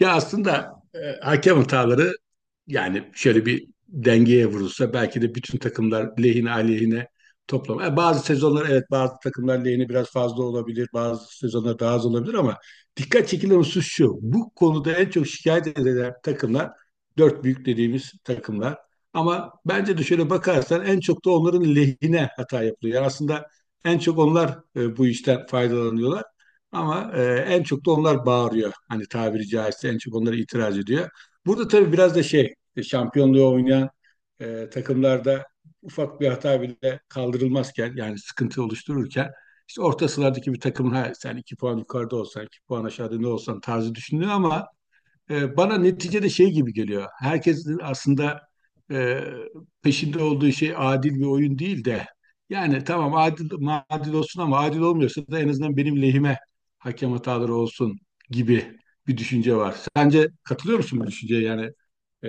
Ya aslında hakem hataları, yani şöyle bir dengeye vurulsa belki de bütün takımlar lehine aleyhine toplam. Yani bazı sezonlar, evet, bazı takımlar lehine biraz fazla olabilir. Bazı sezonlar daha az olabilir, ama dikkat çekilen husus şu: bu konuda en çok şikayet edilen takımlar, dört büyük dediğimiz takımlar. Ama bence de şöyle bakarsan, en çok da onların lehine hata yapılıyor. Yani aslında en çok onlar bu işten faydalanıyorlar. Ama en çok da onlar bağırıyor. Hani tabiri caizse, en çok onlara itiraz ediyor. Burada tabii biraz da şey, işte şampiyonluğu oynayan takımlarda ufak bir hata bile kaldırılmazken, yani sıkıntı oluştururken, işte orta sıralardaki bir takımın, ha, sen 2 puan yukarıda olsan, 2 puan aşağıda ne olsan tarzı düşünülüyor, ama bana neticede şey gibi geliyor. Herkesin aslında e, peşinde olduğu şey adil bir oyun değil de, yani tamam adil olsun, ama adil olmuyorsa da en azından benim lehime hakem hataları olsun gibi bir düşünce var. Sence katılıyor musun bu düşünceye? Yani e,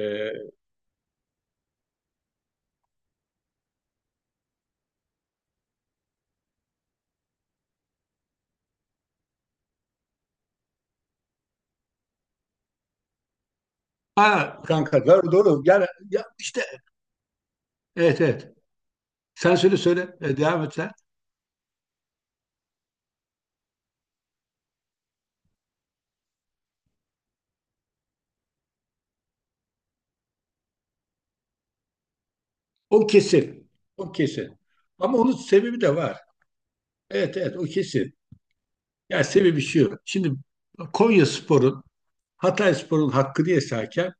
Ha, kanka, doğru doğru. Yani ya işte, evet, evet. Sen söyle, söyle. Evet, devam et sen. O kesin. O kesin. Ama onun sebebi de var. Evet, evet, o kesin. Yani sebebi şu. Şimdi Konya Spor'un, Hatay Spor'un hakkı diye hakem,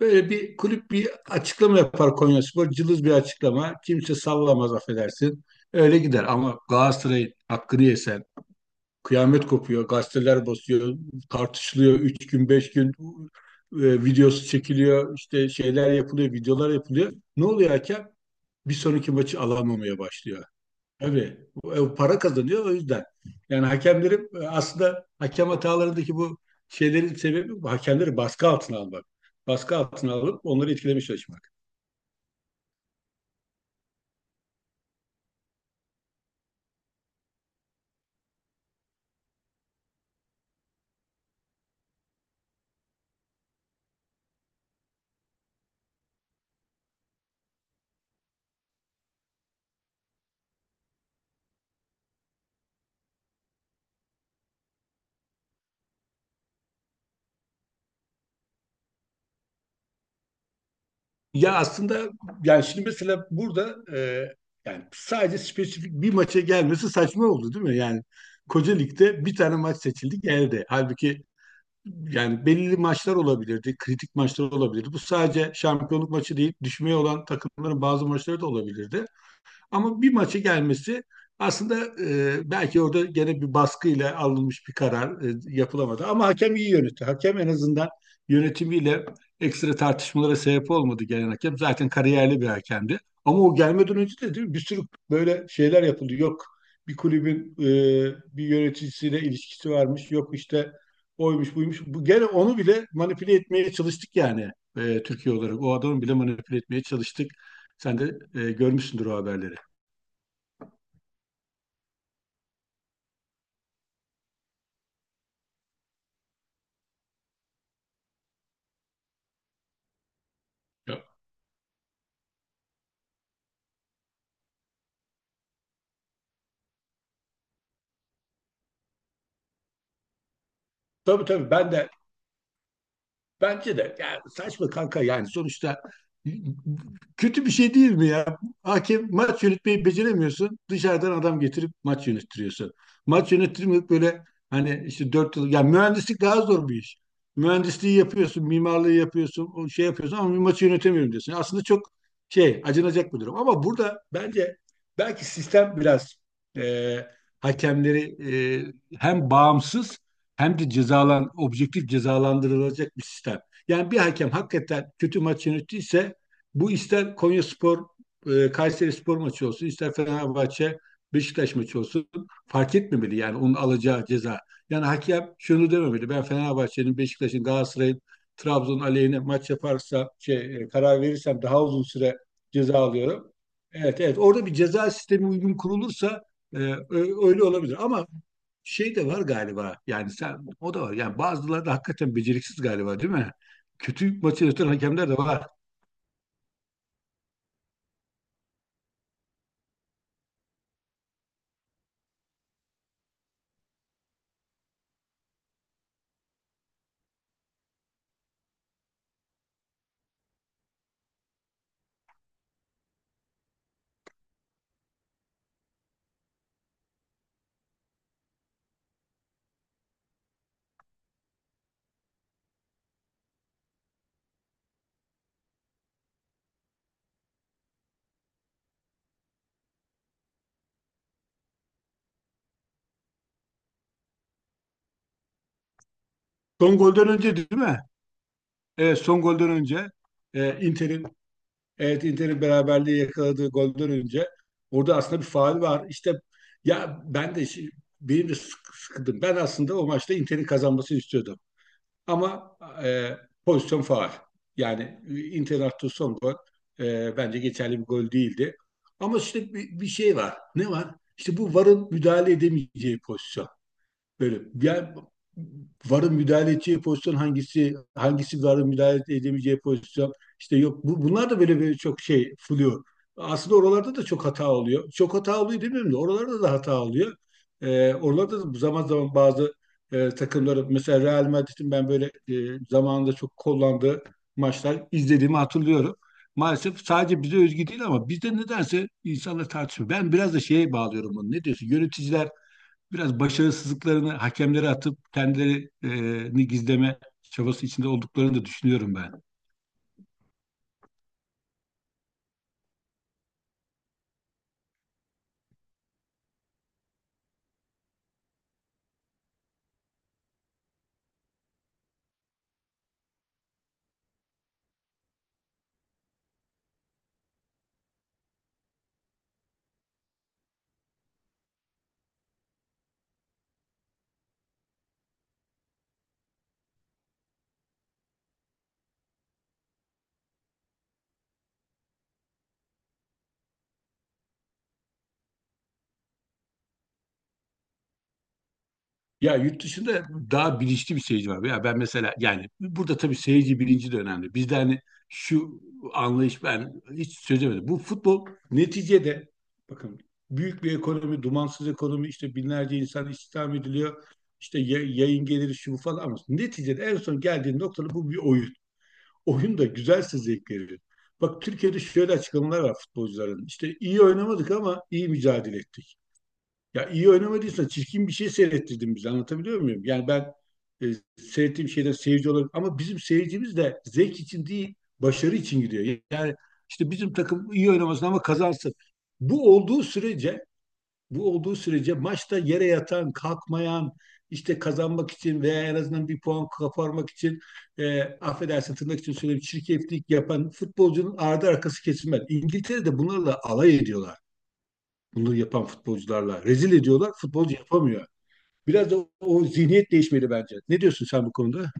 böyle bir kulüp bir açıklama yapar Konya Spor. Cılız bir açıklama. Kimse sallamaz affedersin. Öyle gider, ama Galatasaray'ın hakkı diye kıyamet kopuyor, gazeteler basıyor, tartışılıyor. 3 gün, 5 gün videosu çekiliyor, işte şeyler yapılıyor, videolar yapılıyor. Ne oluyor hakem? Bir sonraki maçı alamamaya başlıyor. Tabii para kazanıyor o yüzden. Yani hakemlerin aslında hakem hatalarındaki bu şeylerin sebebi bu: hakemleri baskı altına almak. Baskı altına alıp onları etkilemeye çalışmak. Ya aslında yani şimdi mesela burada yani sadece spesifik bir maça gelmesi saçma oldu, değil mi? Yani koca ligde bir tane maç seçildi geldi. Halbuki yani belirli maçlar olabilirdi, kritik maçlar olabilirdi. Bu sadece şampiyonluk maçı değil, düşmeye olan takımların bazı maçları da olabilirdi. Ama bir maçı gelmesi aslında belki orada gene bir baskıyla alınmış bir karar yapılamadı. Ama hakem iyi yönetti. Hakem en azından yönetimiyle ekstra tartışmalara sebep olmadı, gelen hakem. Zaten kariyerli bir hakemdi. Ama o gelmeden önce de, değil mi? Bir sürü böyle şeyler yapıldı. Yok, bir kulübün bir yöneticisiyle ilişkisi varmış. Yok işte, oymuş buymuş. Bu, gene onu bile manipüle etmeye çalıştık yani, Türkiye olarak. O adamı bile manipüle etmeye çalıştık. Sen de görmüşsündür o haberleri. Ya, tabii tabii, ben de bence de yani saçma kanka, yani sonuçta kötü bir şey değil mi ya? Hakem, maç yönetmeyi beceremiyorsun. Dışarıdan adam getirip maç yönettiriyorsun. Maç yönettirmek böyle, hani işte, 4 yıl, yani mühendislik daha zor bir iş. Mühendisliği yapıyorsun, mimarlığı yapıyorsun, o şey yapıyorsun, ama bir maçı yönetemiyorum diyorsun. Aslında çok şey, acınacak bir durum. Ama burada bence belki sistem biraz e, hakemleri hem bağımsız hem de objektif cezalandırılacak bir sistem. Yani bir hakem hakikaten kötü maç yönettiyse, bu ister Konyaspor Kayserispor maçı olsun, ister Fenerbahçe Beşiktaş maçı olsun, fark etmemeli, yani onun alacağı ceza. Yani hakem şunu dememeli: ben Fenerbahçe'nin, Beşiktaş'ın, Galatasaray'ın Trabzon aleyhine maç yaparsa karar verirsem daha uzun süre ceza alıyorum. Evet, evet. Orada bir ceza sistemi uygun kurulursa öyle olabilir. Ama şey de var galiba. Yani sen, o da var. Yani bazıları da hakikaten beceriksiz galiba, değil mi? Kötü maçı yöneten hakemler de var. Son golden önce, değil mi? Evet, son golden önce e, Inter'in evet Inter'in beraberliği yakaladığı golden önce orada aslında bir faul var. İşte ya, benim de sıkıldım. Ben aslında o maçta Inter'in kazanmasını istiyordum. Ama e, pozisyon faul. Yani Inter'in son gol, bence geçerli bir gol değildi. Ama işte bir şey var. Ne var? İşte bu VAR'ın müdahale edemeyeceği pozisyon. Böyle yani varın müdahale edeceği pozisyon hangisi, hangisi varın müdahale edemeyeceği pozisyon. İşte yok bu, bunlar da böyle, böyle çok şey fuluyor. Aslında oralarda da çok hata oluyor. Çok hata oluyor demiyorum da, oralarda da hata oluyor. Oralarda da zaman zaman bazı takımları, mesela Real Madrid'in ben böyle zamanında çok kullandığı maçlar izlediğimi hatırlıyorum. Maalesef sadece bize özgü değil, ama bizde nedense insanlar tartışıyor. Ben biraz da şeye bağlıyorum bunu. Ne diyorsun? Yöneticiler biraz başarısızlıklarını hakemlere atıp kendilerini gizleme çabası içinde olduklarını da düşünüyorum ben. Ya, yurt dışında daha bilinçli bir seyirci var. Ya ben mesela, yani burada tabii seyirci bilinci de önemli. Bizde hani şu anlayış, ben hiç çözemedim. Bu futbol neticede, bakın, büyük bir ekonomi, dumansız ekonomi, işte binlerce insan istihdam ediliyor. İşte yayın geliri şu bu falan, ama neticede en son geldiğin noktada bu bir oyun. Oyun da güzelse zevk verir. Bak, Türkiye'de şöyle açıklamalar var futbolcuların: İşte iyi oynamadık ama iyi mücadele ettik. Ya iyi oynamadıysa çirkin bir şey seyrettirdin bize, anlatabiliyor muyum? Yani ben e, seyrettiğim şeyden seyirci olarak, ama bizim seyircimiz de zevk için değil başarı için gidiyor. Yani işte, bizim takım iyi oynamasın ama kazansın. Bu olduğu sürece, bu olduğu sürece maçta yere yatan, kalkmayan, işte kazanmak için veya en azından bir puan koparmak için affedersin, tırnak için söyleyeyim, çirkeflik yapan futbolcunun ardı arkası kesilmez. İngiltere'de bunlarla alay ediyorlar, bunu yapan futbolcularla. Rezil ediyorlar, futbolcu yapamıyor. Biraz da o zihniyet değişmeli bence. Ne diyorsun sen bu konuda?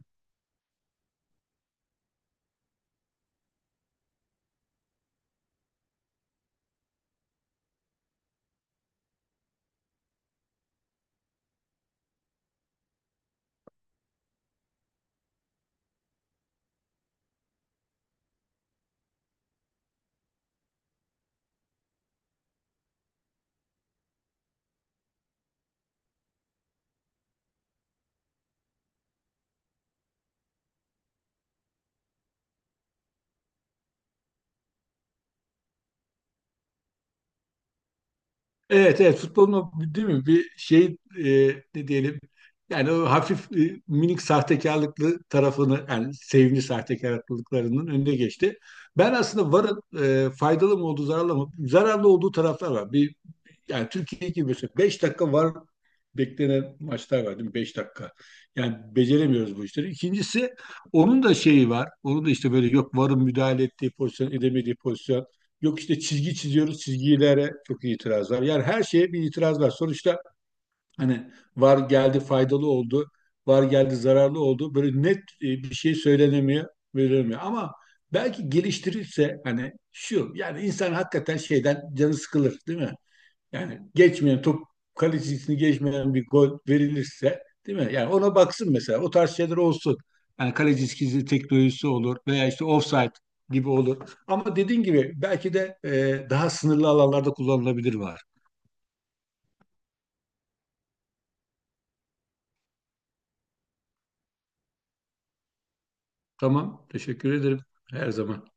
Evet, evet, futbolun o, değil mi, bir şey, e, ne diyelim, yani o hafif, minik sahtekarlıklı tarafını, yani sevimli sahtekarlıklarının önüne geçti. Ben aslında varın faydalı mı olduğu, zararlı mı olduğu taraflar var. Bir, yani Türkiye gibi mesela 5 dakika var beklenen maçlar var, değil mi? 5 dakika. Yani beceremiyoruz bu işleri. İkincisi, onun da şeyi var. Onun da işte böyle, yok varın müdahale ettiği pozisyon, edemediği pozisyon. Yok işte çizgi çiziyoruz, çizgilere çok itiraz var. Yani her şeye bir itiraz var. Sonuçta hani var geldi faydalı oldu, var geldi zararlı oldu. Böyle net bir şey söylenemiyor, verilmiyor. Ama belki geliştirirse, hani şu, yani insan hakikaten şeyden canı sıkılır, değil mi? Yani geçmeyen top, kalecisini geçmeyen bir gol verilirse, değil mi? Yani ona baksın mesela. O tarz şeyler olsun. Yani kalecisi gizli teknolojisi olur veya işte offside gibi olur. Ama dediğin gibi belki de daha sınırlı alanlarda kullanılabilir var. Tamam. Teşekkür ederim. Her zaman.